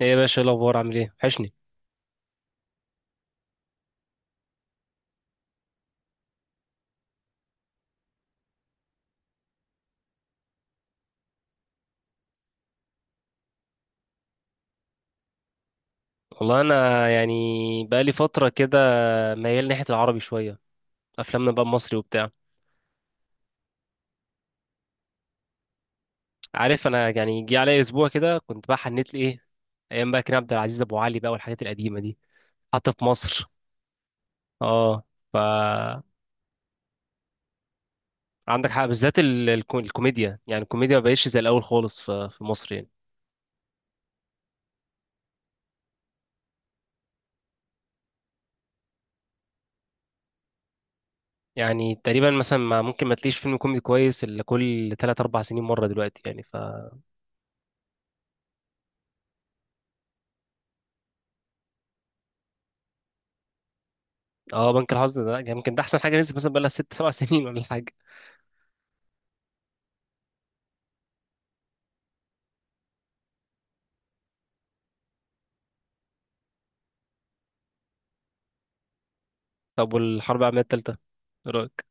ايه يا باشا، إيه الاخبار؟ عامل ايه؟ وحشني. والله انا يعني بقالي فتره كده ميال ناحيه العربي شويه. افلامنا بقى المصري وبتاع. عارف، انا يعني جه عليا اسبوع كده كنت بقى حنيت لي ايه، ايام بقى كريم عبد العزيز، ابو علي بقى والحاجات القديمه دي. حتى في مصر. اه. ف عندك حق، بالذات الكوميديا. يعني الكوميديا ما بقتش زي الاول خالص في مصر يعني. يعني تقريبا مثلا ما ممكن ما تلاقيش فيلم كوميدي كويس الا كل 3 4 سنين مره دلوقتي يعني. اه، بنك الحظ ده يمكن ده احسن حاجه نزلت، مثلا بقى لها 6 7 سنين ولا حاجه. طب والحرب العالمية التالتة، إيه رأيك؟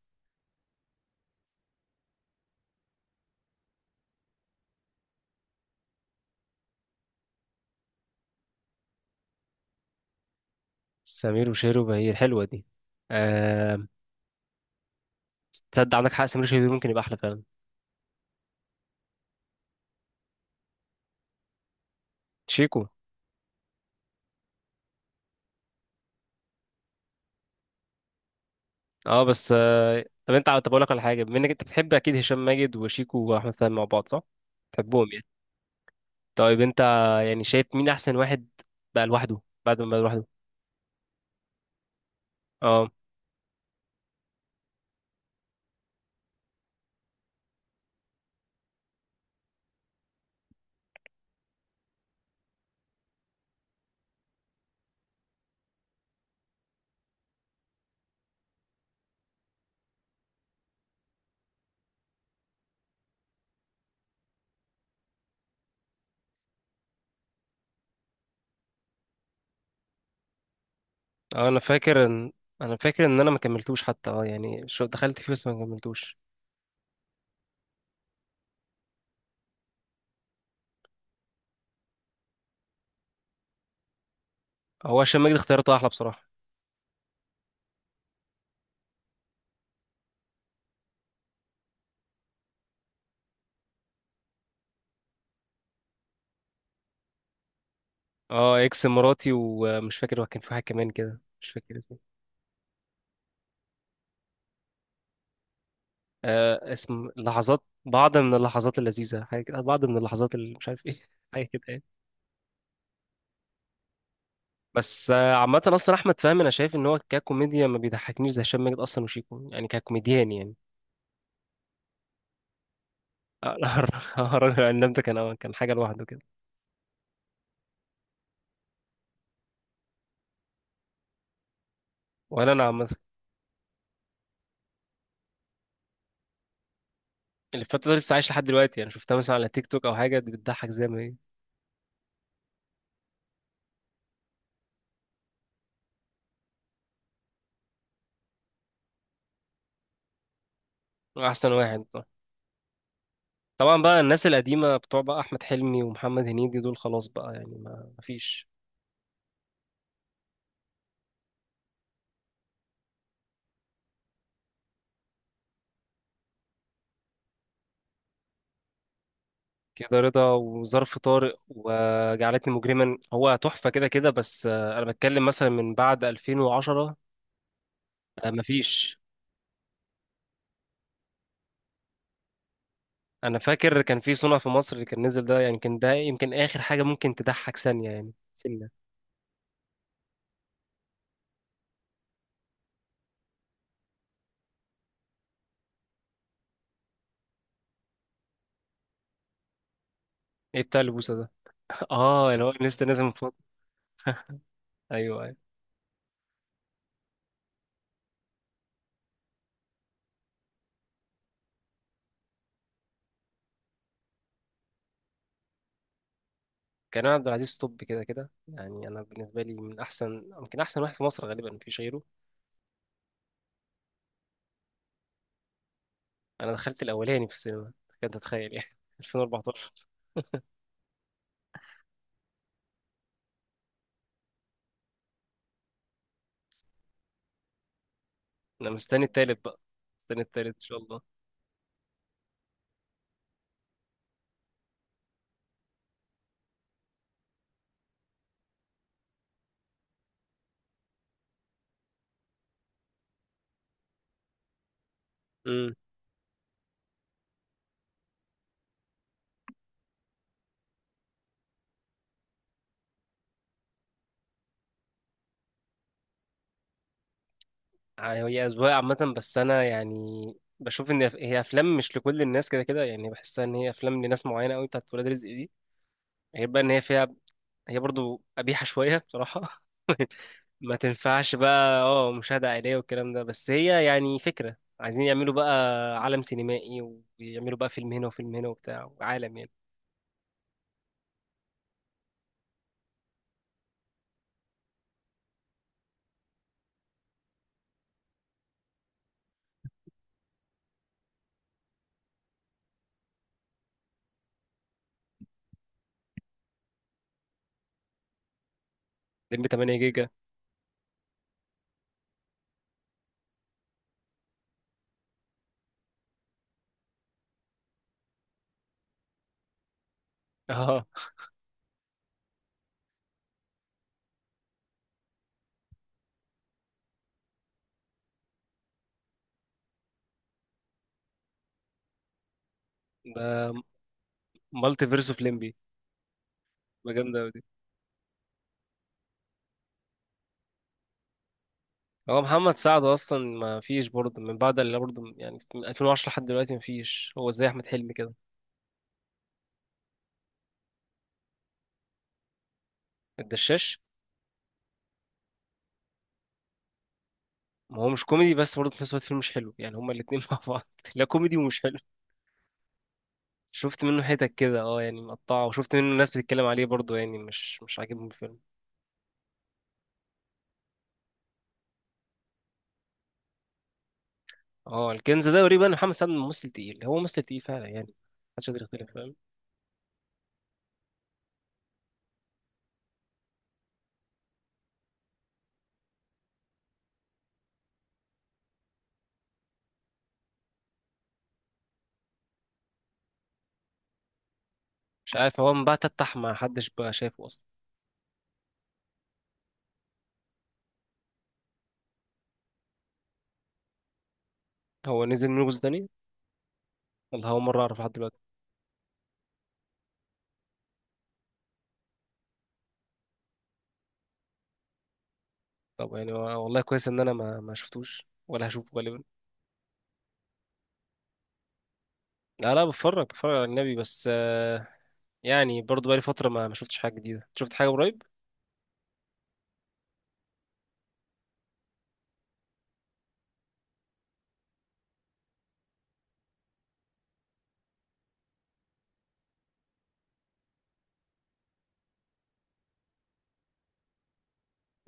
سمير وشهير وبهير حلوة دي. آه، تصدق عندك حق، سمير وشهير ممكن يبقى أحلى فعلا. شيكو. اه. بس طب اقول لك على حاجة، بما انك انت بتحب أكيد هشام ماجد وشيكو وأحمد فهمي مع بعض، صح؟ بتحبهم يعني. طيب انت يعني شايف مين أحسن واحد بقى لوحده بعد ما بقى لوحده؟ اه، اه. انا فاكر ان انا ما كملتوش. حتى يعني شو دخلت فيه بس ما كملتوش. هو هشام ماجد اختيارته احلى بصراحه. اه، اكس مراتي، ومش فاكر، هو كان في واحد كمان كده مش فاكر اسمه. اسم لحظات، بعض من اللحظات اللذيذة، حاجة كده، بعض من اللحظات اللي مش عارف ايه حاجة كده يعني. بس عامة أصلا أحمد فهمي أنا شايف إن هو ككوميديا ما بيضحكنيش زي هشام ماجد أصلا وشيكو، يعني ككوميديان يعني. آه، الهرج العناب ده كان حاجة لوحده كده. ولا أنا عامة. اللي فاتت ده لسه عايش لحد دلوقتي، يعني شفتها مثلا على تيك توك أو حاجة، دي بتضحك زي ما هي. أحسن واحد طبعا. طبعا بقى الناس القديمة، بتوع بقى أحمد حلمي ومحمد هنيدي، دول خلاص بقى يعني، ما ما فيش. كده رضا، وظرف طارق، وجعلتني مجرما، هو تحفة كده كده. بس أنا بتكلم مثلا من بعد 2010. مفيش. أنا فاكر كان في صنع في مصر اللي كان نزل ده، يعني كان ده يمكن آخر حاجة ممكن تضحك، ثانية يعني سنة. إيه بتاع البوسة ده؟ اللي هو لسه نازل من فترة. أيوه، أيوه. كريم عبد العزيز توب كده كده، يعني أنا بالنسبة لي من أحسن، يمكن أحسن واحد في مصر، غالبا مفيش غيره. أنا دخلت الأولاني في السينما. كنت تتخيل يعني 2014. أنا مستني التالت بقى. مستني التالت إن شاء الله. يعني هي أذواق عامة، بس أنا يعني بشوف إن هي أفلام مش لكل الناس كده كده، يعني بحسها إن هي أفلام لناس معينة أوي بتاعت ولاد رزق دي. غير بقى إن هي فيها، هي برضو قبيحة شوية بصراحة. ما تنفعش بقى مشاهدة عائلية والكلام ده. بس هي يعني فكرة عايزين يعملوا بقى عالم سينمائي، ويعملوا بقى فيلم هنا وفيلم هنا وبتاع وعالم يعني. لمبي 8 جيجا. اه، ده مالتي فيرس اوف لمبي. ما جامدة أوي. هو محمد سعد اصلا ما فيش برضه من بعد، اللي برضه يعني من 2010 لحد دلوقتي ما فيش. هو زي احمد حلمي كده. الدشاش. ما هو مش كوميدي، بس برضه في نفس الوقت فيلم مش حلو يعني، هما الاتنين مع بعض. لا، كوميدي ومش حلو. شفت منه حتت كده، اه يعني مقطعه، وشفت منه ناس بتتكلم عليه برضه، يعني مش عاجبهم الفيلم. اه، الكنز ده قريب. انا محمد سعد ممثل تقيل، هو ممثل تقيل فعلا يعني. محدش يقدر يختلف، فاهم. مش عارف، هو من بعد تتح ما حدش بقى شايفه اصلا. هو نزل منه جزء تاني؟ والله اول مره اعرف لحد دلوقتي. طب يعني، والله كويس ان انا ما شفتوش ولا هشوفه غالبا. لا، لا، بتفرج على اجنبي. بس يعني برضو بقالي فتره ما شفتش حاجه جديده، شفت حاجه قريب.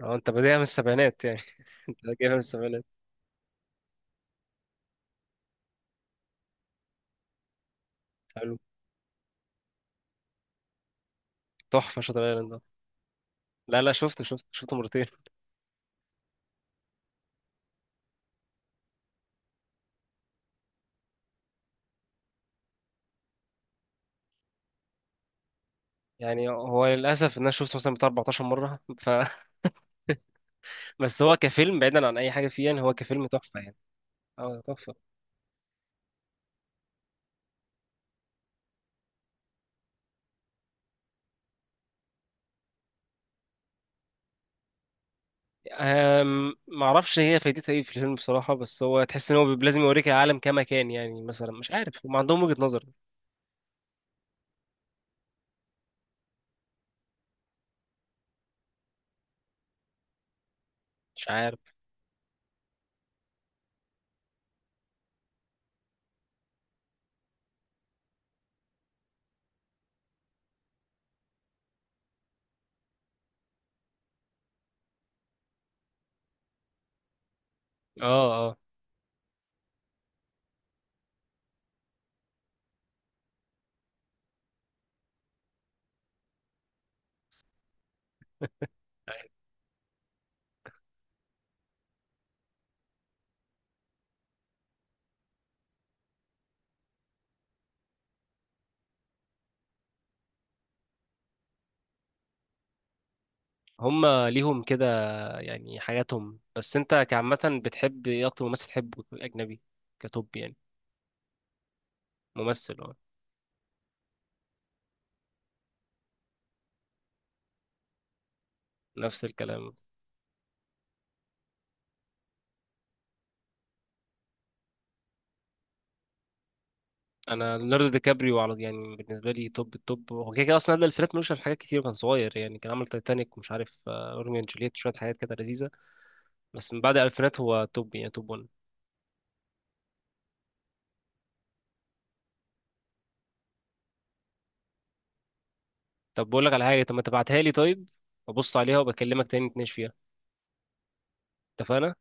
اه، انت بادئها من السبعينات يعني. انت جايبها من السبعينات. حلو. تحفه شاطر ايلاند ده. لا، لا، شفته مرتين. يعني هو للاسف ان انا شفته مثلا بتاع 14 مره. بس هو كفيلم بعيدا عن اي حاجه فيه، يعني هو كفيلم تحفه يعني. اه، تحفه. ما اعرفش هي فايدتها ايه في الفيلم بصراحه. بس هو تحس ان هو لازم يوريك العالم كما كان. يعني مثلا مش عارف، هم عندهم وجهه نظر. مش عارف. اه، اه. هم ليهم كده يعني حاجاتهم. بس انت كعامة بتحب ايه؟ اكتر ممثل تحبه اجنبي، كتوب يعني. ممثل، اه. نفس الكلام. انا ليوناردو دي كابريو، على يعني بالنسبه لي توب التوب هو كده كده اصلا. قبل الفيلم مش في حاجات كتير، كان صغير يعني. كان عمل تايتانيك، ومش عارف، روميو اند جولييت، شويه حاجات كده لذيذه. بس من بعد الالفينات هو توب، يعني توب 1. طب بقول لك على حاجه، طب ما تبعتها لي طيب، ابص عليها وبكلمك تاني نتناقش فيها. اتفقنا.